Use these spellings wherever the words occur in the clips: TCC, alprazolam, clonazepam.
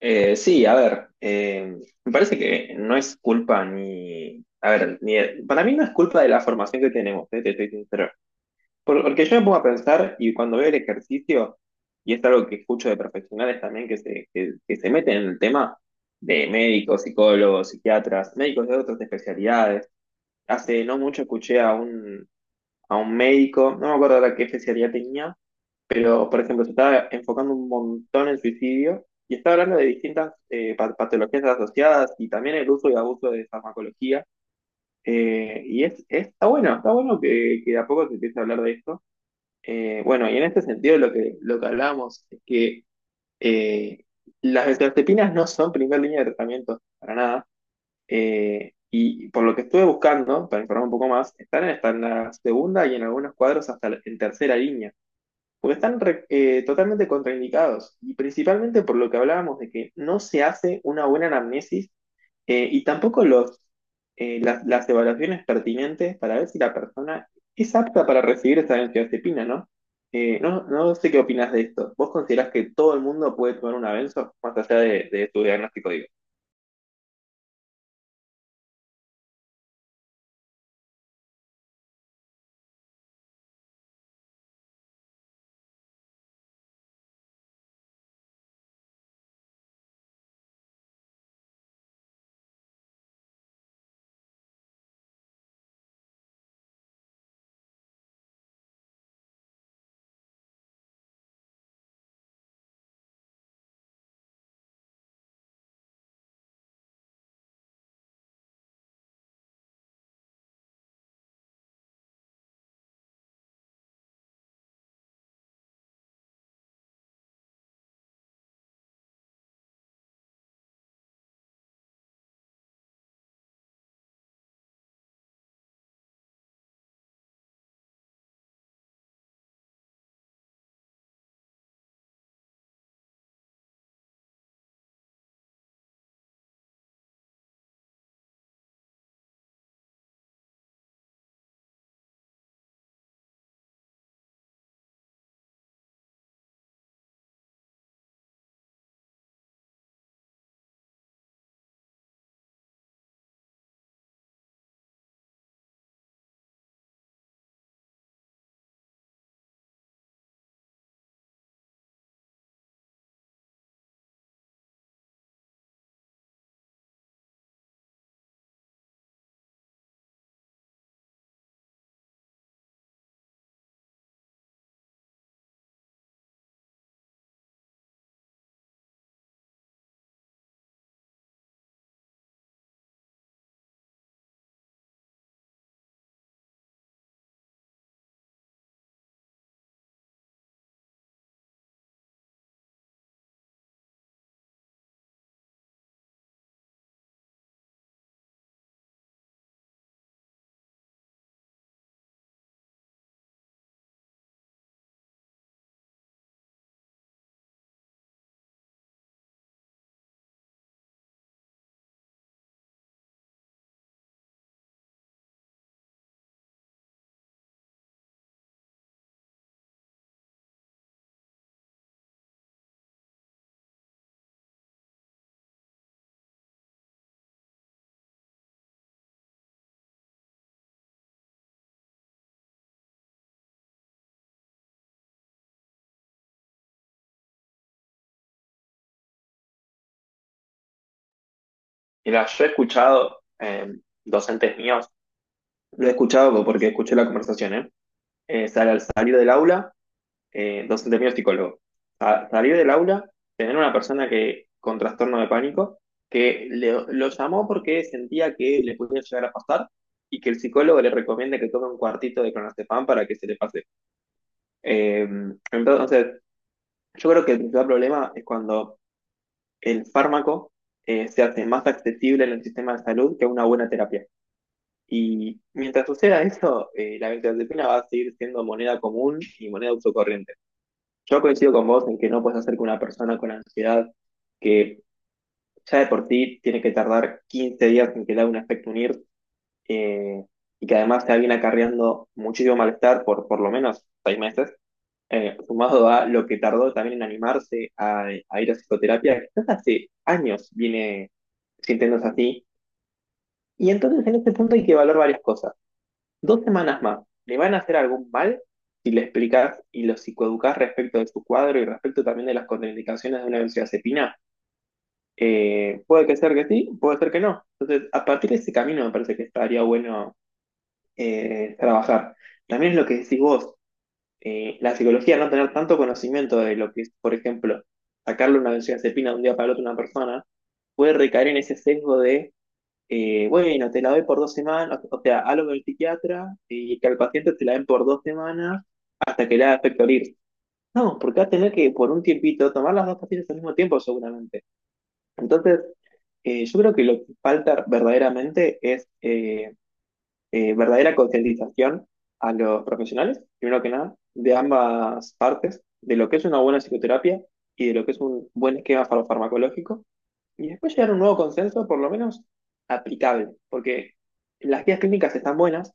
Sí, a ver, me parece que no es culpa ni, a ver, ni, para mí no es culpa de la formación que tenemos, te estoy sincero. Porque yo me pongo a pensar y cuando veo el ejercicio, y es algo que escucho de profesionales también que se meten en el tema de médicos, psicólogos, psiquiatras, médicos de otras especialidades. Hace no mucho escuché a un médico, no me acuerdo ahora qué especialidad tenía, pero, por ejemplo, se está enfocando un montón en suicidio y está hablando de distintas patologías asociadas y también el uso y abuso de farmacología. Está bueno, está bueno que de a poco se empiece a hablar de esto. Bueno, y en este sentido lo que hablábamos es que eh, las benzodiazepinas no son primer línea de tratamiento para nada. Y por lo que estuve buscando, para informar un poco más, están hasta en la segunda y en algunos cuadros hasta en tercera línea porque están totalmente contraindicados y principalmente por lo que hablábamos de que no se hace una buena anamnesis y tampoco las evaluaciones pertinentes para ver si la persona es apta para recibir esa benzodiazepina, ¿no? No sé qué opinas de esto. ¿Vos considerás que todo el mundo puede tomar una benzo más allá de tu diagnóstico, digo? Mira, yo he escuchado docentes míos, lo he escuchado porque escuché la conversación, ¿eh? Al salir del aula, docente mío es psicólogo. Salir del aula, tener una persona que con trastorno de pánico, que lo llamó porque sentía que le podía llegar a pasar y que el psicólogo le recomienda que tome un cuartito de clonazepam para que se le pase. Eh, entonces, yo creo que el principal problema es cuando el fármaco se hace más accesible en el sistema de salud que una buena terapia. Y mientras suceda eso, la benzodiazepina va a seguir siendo moneda común y moneda de uso corriente. Yo coincido con vos en que no puedes hacer que una persona con ansiedad, que ya de por ti tiene que tardar 15 días en que le haga un efecto unir, eh, y que además te viene acarreando muchísimo malestar por lo menos 6 meses, sumado a lo que tardó también en animarse a ir a psicoterapia, que quizás hace años viene sintiéndose así. Y entonces en este punto hay que evaluar varias cosas. Dos semanas más. ¿Le van a hacer algún mal si le explicas y lo psicoeducás respecto de su cuadro y respecto también de las contraindicaciones de una benzodiazepina? Puede que ser que sí, puede ser que no. Entonces, a partir de ese camino me parece que estaría bueno trabajar. También es lo que decís vos, la psicología, no tener tanto conocimiento de lo que es, por ejemplo, sacarle una benzodiazepina de un día para el otro a una persona, puede recaer en ese sesgo de bueno, te la doy por dos semanas, o sea, hablo con el psiquiatra y que al paciente te la den por dos semanas hasta que le haga efecto ir. No, porque va a tener que por un tiempito tomar las dos pastillas al mismo tiempo seguramente. Entonces, yo creo que lo que falta verdaderamente es verdadera concientización a los profesionales, primero que nada, de ambas partes, de lo que es una buena psicoterapia y de lo que es un buen esquema farmacológico y después llegar a un nuevo consenso, por lo menos aplicable, porque las guías clínicas están buenas,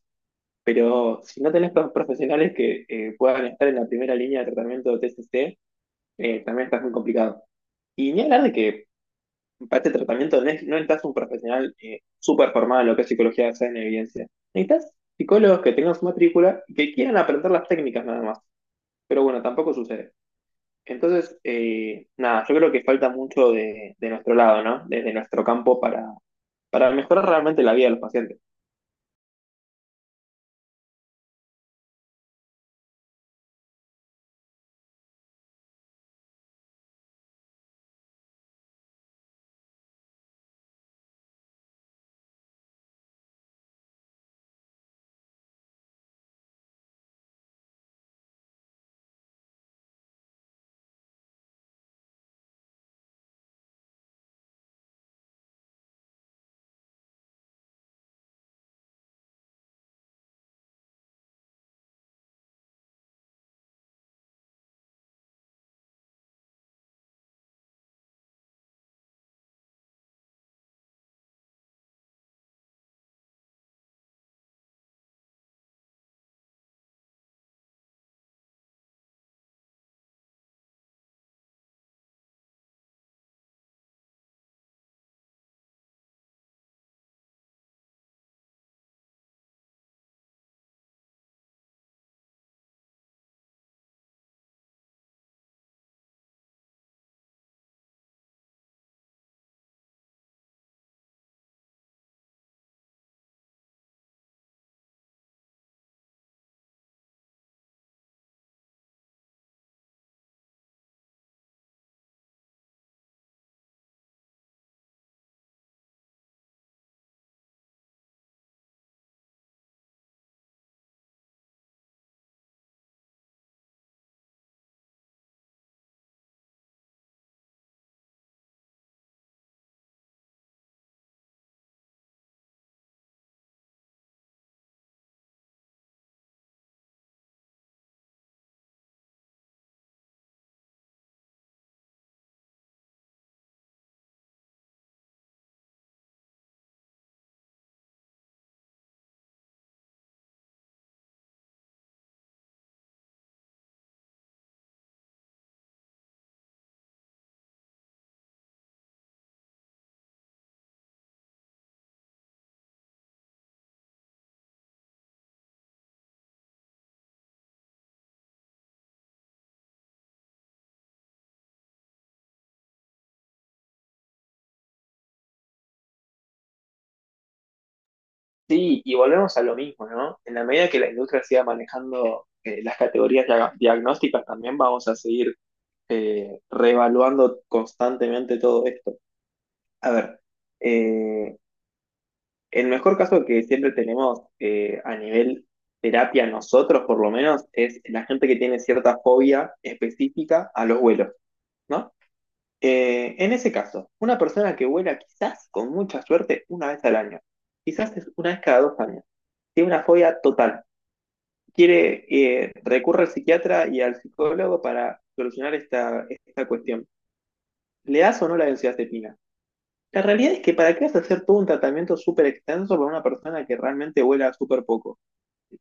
pero si no tenés profesionales que puedan estar en la primera línea de tratamiento de TCC, también estás muy complicado. Y ni hablar de que para este tratamiento no necesitas un profesional súper formado en lo que es psicología basada en evidencia. Necesitas psicólogos que tengan su matrícula y que quieran aprender las técnicas nada más. Pero bueno, tampoco sucede. Entonces, nada, yo creo que falta mucho de nuestro lado, ¿no? Desde nuestro campo para mejorar realmente la vida de los pacientes. Sí, y volvemos a lo mismo, ¿no? En la medida que la industria siga manejando las categorías diagnósticas, también vamos a seguir reevaluando constantemente todo esto. A ver, eh, el mejor caso que siempre tenemos a nivel terapia nosotros, por lo menos, es la gente que tiene cierta fobia específica a los vuelos, ¿no? En ese caso, una persona que vuela quizás con mucha suerte una vez al año, quizás es una vez cada 2 años, tiene una fobia total, quiere, recurre al psiquiatra y al psicólogo para solucionar esta, esta cuestión. ¿Le das o no la benzodiazepina? La realidad es que para qué vas a hacer todo un tratamiento súper extenso para una persona que realmente vuela súper poco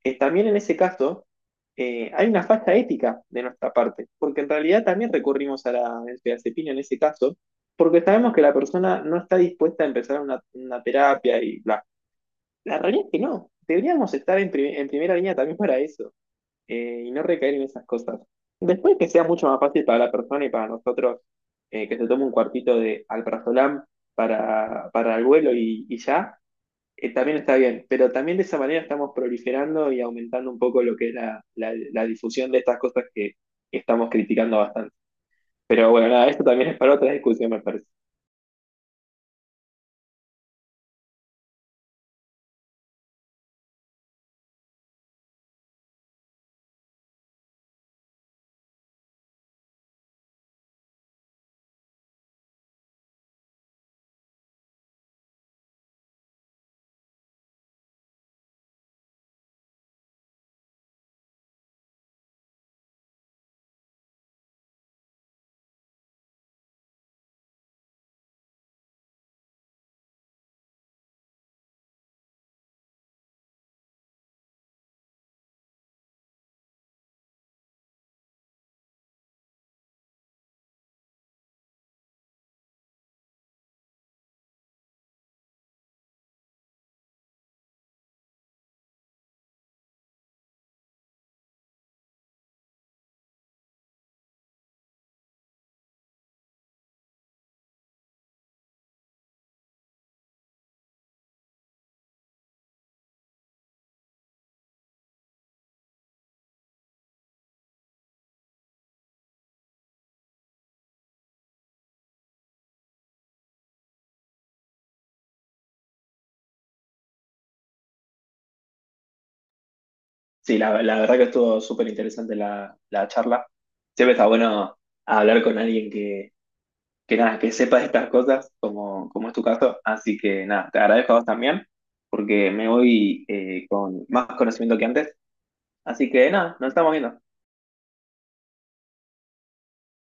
también en ese caso hay una falta ética de nuestra parte, porque en realidad también recurrimos a la benzodiazepina en ese caso, porque sabemos que la persona no está dispuesta a empezar una terapia y bla. La realidad es que no, deberíamos estar en primera línea también para eso y no recaer en esas cosas. Después que sea mucho más fácil para la persona y para nosotros que se tome un cuartito de alprazolam para el vuelo y ya, también está bien, pero también de esa manera estamos proliferando y aumentando un poco lo que es la difusión de estas cosas que estamos criticando bastante. Pero bueno, nada, esto también es para otra discusión, me parece. Sí, la verdad que estuvo súper interesante la charla. Siempre está bueno hablar con alguien que nada, que sepa de estas cosas, como, como es tu caso. Así que nada, te agradezco a vos también, porque me voy con más conocimiento que antes. Así que nada, nos estamos viendo.